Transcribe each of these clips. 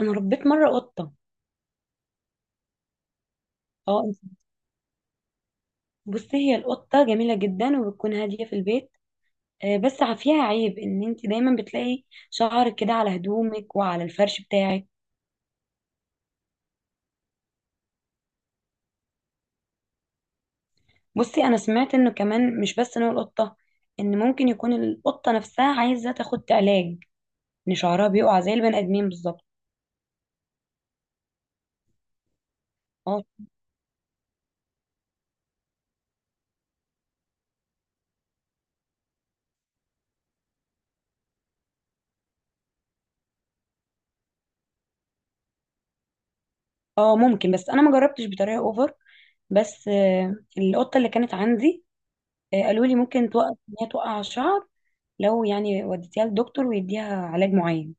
انا ربيت مره قطه. اه. بصي، هي القطه جميله جدا وبتكون هاديه في البيت. بس فيها عيب ان انت دايما بتلاقي شعرك كده على هدومك وعلى الفرش بتاعك. بصي، انا سمعت انه كمان مش بس نوع القطه، ان ممكن يكون القطه نفسها عايزه تاخد علاج، ان شعرها بيقع زي البني ادمين بالظبط. اه. اه، ممكن، بس انا ما جربتش بطريقه اوفر. بس القطه اللي كانت عندي قالوا لي ممكن توقف ان هي توقع الشعر لو يعني وديتيها للدكتور ويديها علاج معين.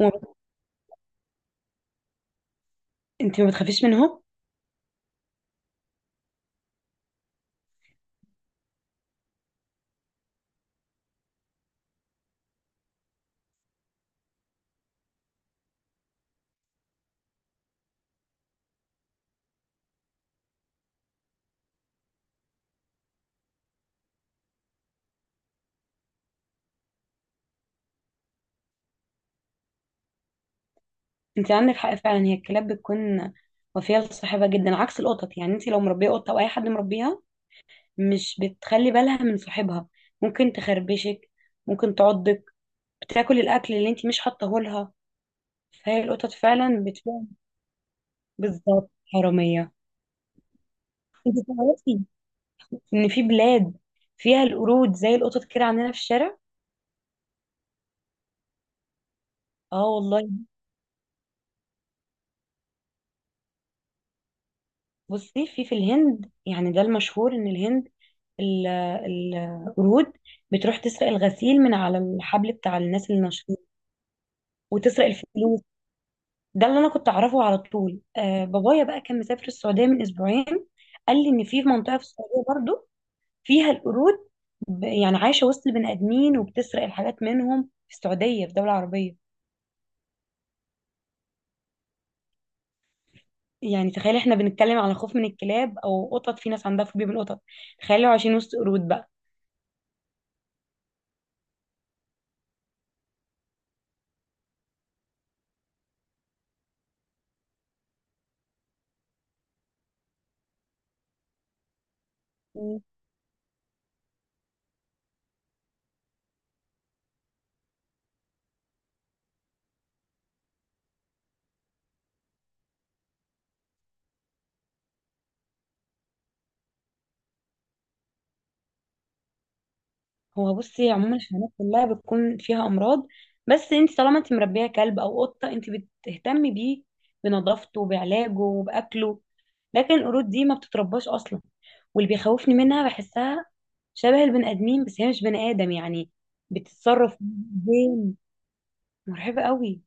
وما بت- انت ما بتخافيش منهم؟ انت عندك حق فعلا، هي الكلاب بتكون وفيه لصاحبها جدا عكس القطط، يعني انت لو مربيه قطه او اي حد مربيها مش بتخلي بالها من صاحبها. ممكن تخربشك، ممكن تعضك، بتاكل الاكل اللي انت مش حاطاه لها. فهي القطط فعلا بتكون. بالظبط، حراميه. انت تعرفي ان في بلاد فيها القرود زي القطط كده عندنا في الشارع؟ اه والله. بصي، في الهند يعني ده المشهور، ان الهند ال- القرود بتروح تسرق الغسيل من على الحبل بتاع الناس النشيطين، وتسرق الفلوس. ده اللي انا كنت اعرفه على طول. بابايا بقى كان مسافر السعوديه من اسبوعين، قال لي ان في منطقه في السعوديه برضو فيها القرود، يعني عايشه وسط البني ادمين وبتسرق الحاجات منهم، في السعوديه في دوله عربيه. يعني تخيل، احنا بنتكلم على خوف من الكلاب او قطط، في ناس عندها فوبيا من القطط، تخيلوا عايشين وسط قرود بقى. هو بصي، عموما الحيوانات كلها بتكون فيها امراض، بس انت طالما انت مربيه كلب او قطه انت بتهتمي بيه، بنظافته وبعلاجه وباكله، لكن القرود دي ما بتترباش اصلا. واللي بيخوفني منها، بحسها شبه البني ادمين بس هي مش بني ادم يعني. بتتصرف زين، مرعبه قوي.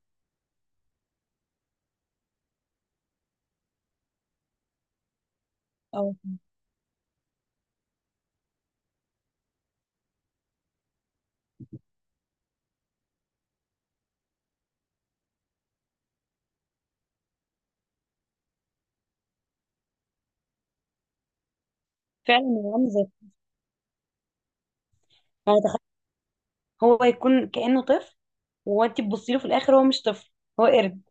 اه فعلا، هو عامل زي، يعني تخيل، هو يكون كانه طفل وانت تبصي له في الاخر هو مش طفل، هو قرد.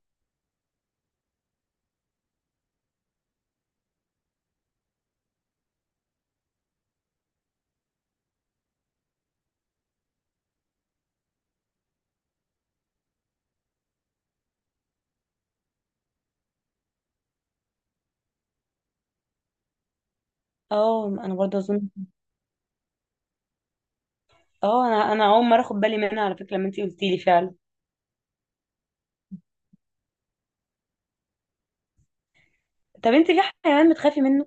اه انا برضه اظن. اه، انا اول مره اخد بالي منها على فكره لما انت قلتي لي، فعلا. طب انت في حيوان بتخافي منه؟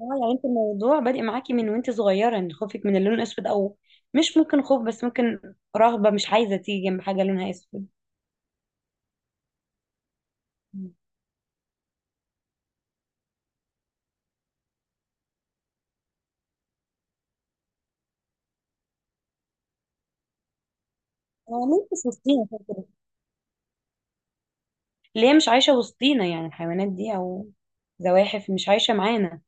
اه، يعني انت الموضوع بادئ معاكي من وانت صغيره، ان خوفك من اللون الاسود، او مش ممكن خوف بس ممكن رهبه، مش عايزه تيجي جنب حاجه لونها اسود. مم. هو ليه مش وسطينا كده كده؟ اللي هي مش عايشه وسطينا يعني الحيوانات دي، او زواحف مش عايشه معانا.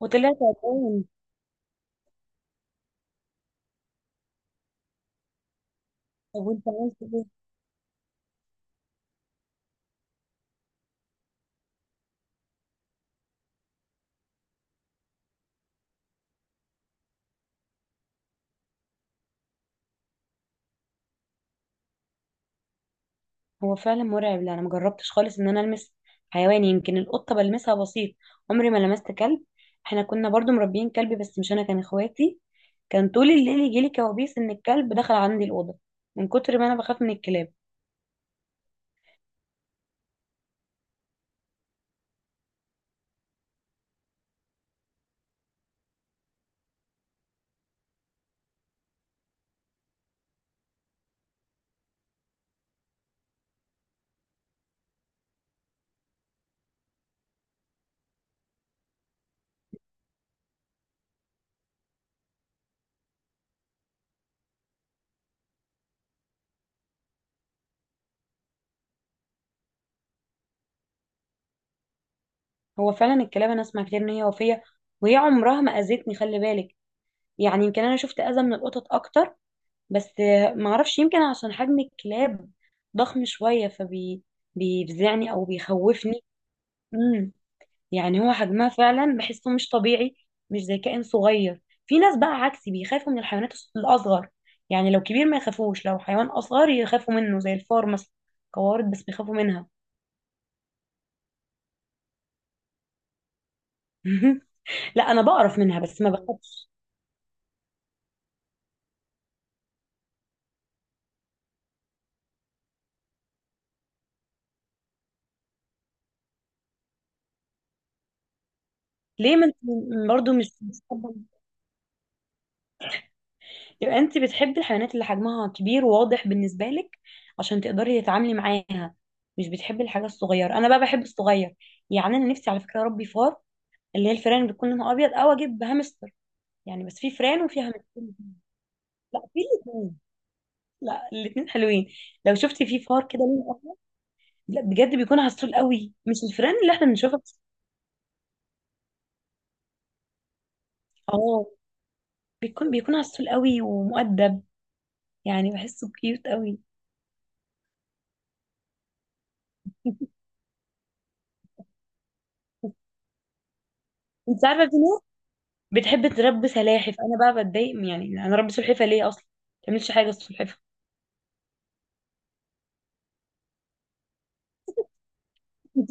وطلعت عدوان. طب وانت عملت ايه؟ هو فعلا مرعب. لا انا مجربتش خالص ان انا المس حيوان، يمكن القطه بلمسها بسيط، عمري ما لمست كلب. احنا كنا برضو مربيين كلب بس مش انا، كان اخواتي. كان طول الليل يجيلي كوابيس ان الكلب دخل عندي الاوضه، من كتر ما انا بخاف من الكلاب. هو فعلا الكلاب انا اسمع كتير ان هي وفيه، وهي عمرها ما اذتني خلي بالك، يعني يمكن انا شفت اذى من القطط اكتر، بس ما اعرفش، يمكن عشان حجم الكلاب ضخم شويه فبي، بيفزعني او بيخوفني. مم. يعني هو حجمها فعلا بحسه مش طبيعي، مش زي كائن صغير. في ناس بقى عكسي بيخافوا من الحيوانات الأصغر، يعني لو كبير ما يخافوش، لو حيوان أصغر يخافوا منه، زي الفار مثلا، قوارض بس بيخافوا منها. لا أنا بقرف منها بس ما بخافش. ليه؟ ما انت برضه مش يبقى انت بتحبي الحيوانات اللي حجمها كبير وواضح بالنسبة لك، عشان تقدري تتعاملي معاها، مش بتحبي الحاجة الصغيرة. أنا بقى بحب الصغير، يعني أنا نفسي على فكرة أربي فار، اللي هي الفيران اللي بتكون لونها أبيض، أو أجيب هامستر، يعني بس في فران وفيها مكسوم. لا في الاثنين، لا الاثنين حلوين. لو شفتي في فار كده لون احمر، لا بجد بيكون عسول قوي، مش الفران اللي احنا بنشوفها بس. اه، بيكون عسول قوي ومؤدب، يعني بحسه كيوت قوي. انت عارفه في ناس بتحب تربي سلاحف؟ انا بقى بتضايق يعني انا ربي سلحفه ليه اصلا؟ ما تعملش حاجه السلحفه. انت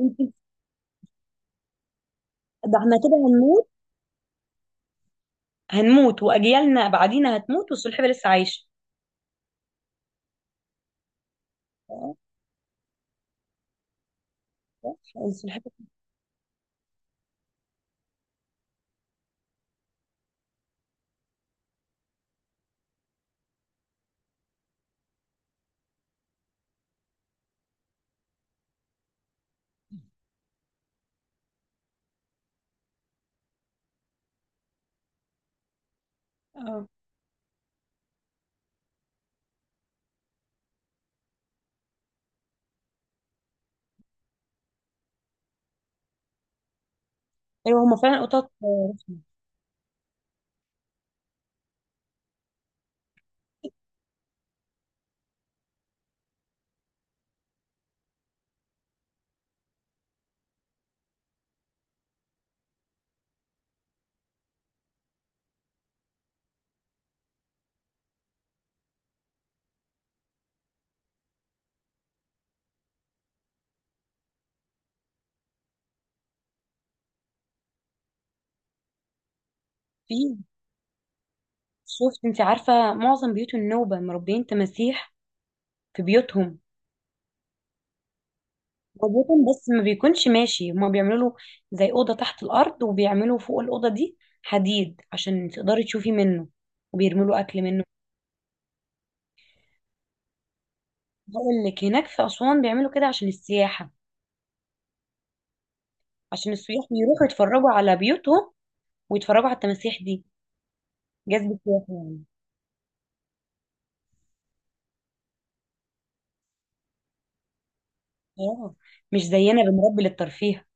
انت ده احنا كده هنموت، هنموت واجيالنا بعدينا هتموت والسلحفه لسه عايشه. آه، آه، السلحفه. اه، ايوه هما فعلا قطط. في، شفت انت عارفة معظم بيوت النوبة مربيين تماسيح في بيوتهم؟ ربوتهم بس ما بيكونش ماشي، هما بيعملوا له زي أوضة تحت الأرض وبيعملوا فوق الأوضة دي حديد عشان تقدري تشوفي منه، وبيرموا له أكل منه. هقول لك، هناك في أسوان بيعملوا كده عشان السياحة، عشان السياح بيروحوا يتفرجوا على بيوتهم، ويتفرجوا على التماسيح دي. جذب سياحي يعني. اه، مش زينا بنربي للترفيه.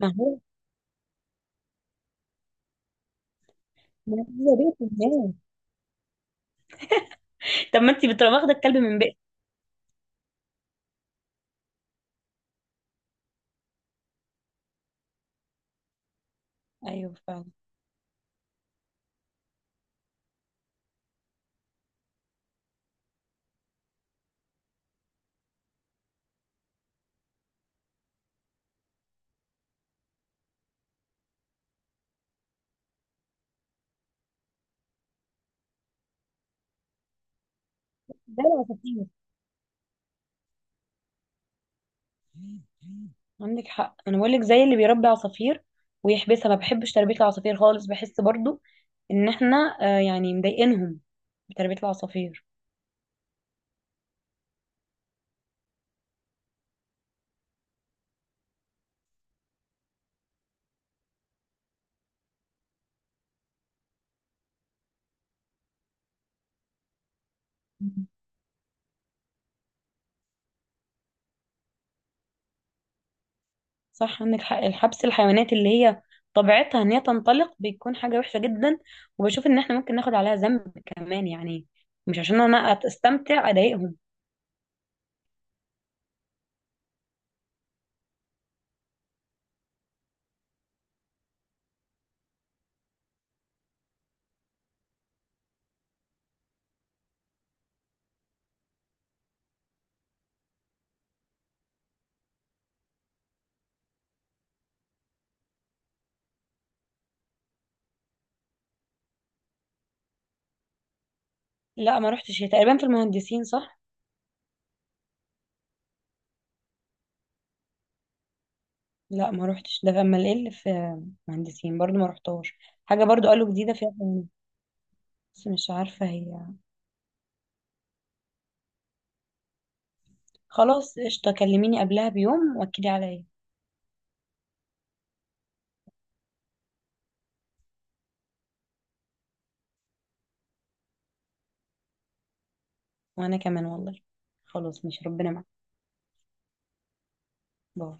ما هو ما هو بيت الناس. طب ما انت بتروحي واخدة الكلب من بيت. ايوه فعلا، زي العصافير. عندك حق، انا بقول لك زي اللي بيربي عصافير ويحبسها، ما بحبش تربيه العصافير خالص، بحس برضو ان احنا يعني مضايقينهم بتربيه العصافير. مم. صح، عندك حق، الحبس الحيوانات اللي هي طبيعتها ان هي تنطلق بيكون حاجه وحشه جدا، وبشوف ان احنا ممكن ناخد عليها ذنب كمان يعني، مش عشان انا استمتع اضايقهم. لا ما روحتش، هي تقريبا في المهندسين صح؟ لا ما روحتش، ده في امال ايه اللي في مهندسين برضو ما روحتهاش؟ حاجه برضو قالوا جديده فيها، بس مش عارفه هي. خلاص قشطة، كلميني قبلها بيوم واكدي عليا. وانا كمان والله. خلاص، مش ربنا معاك. باي.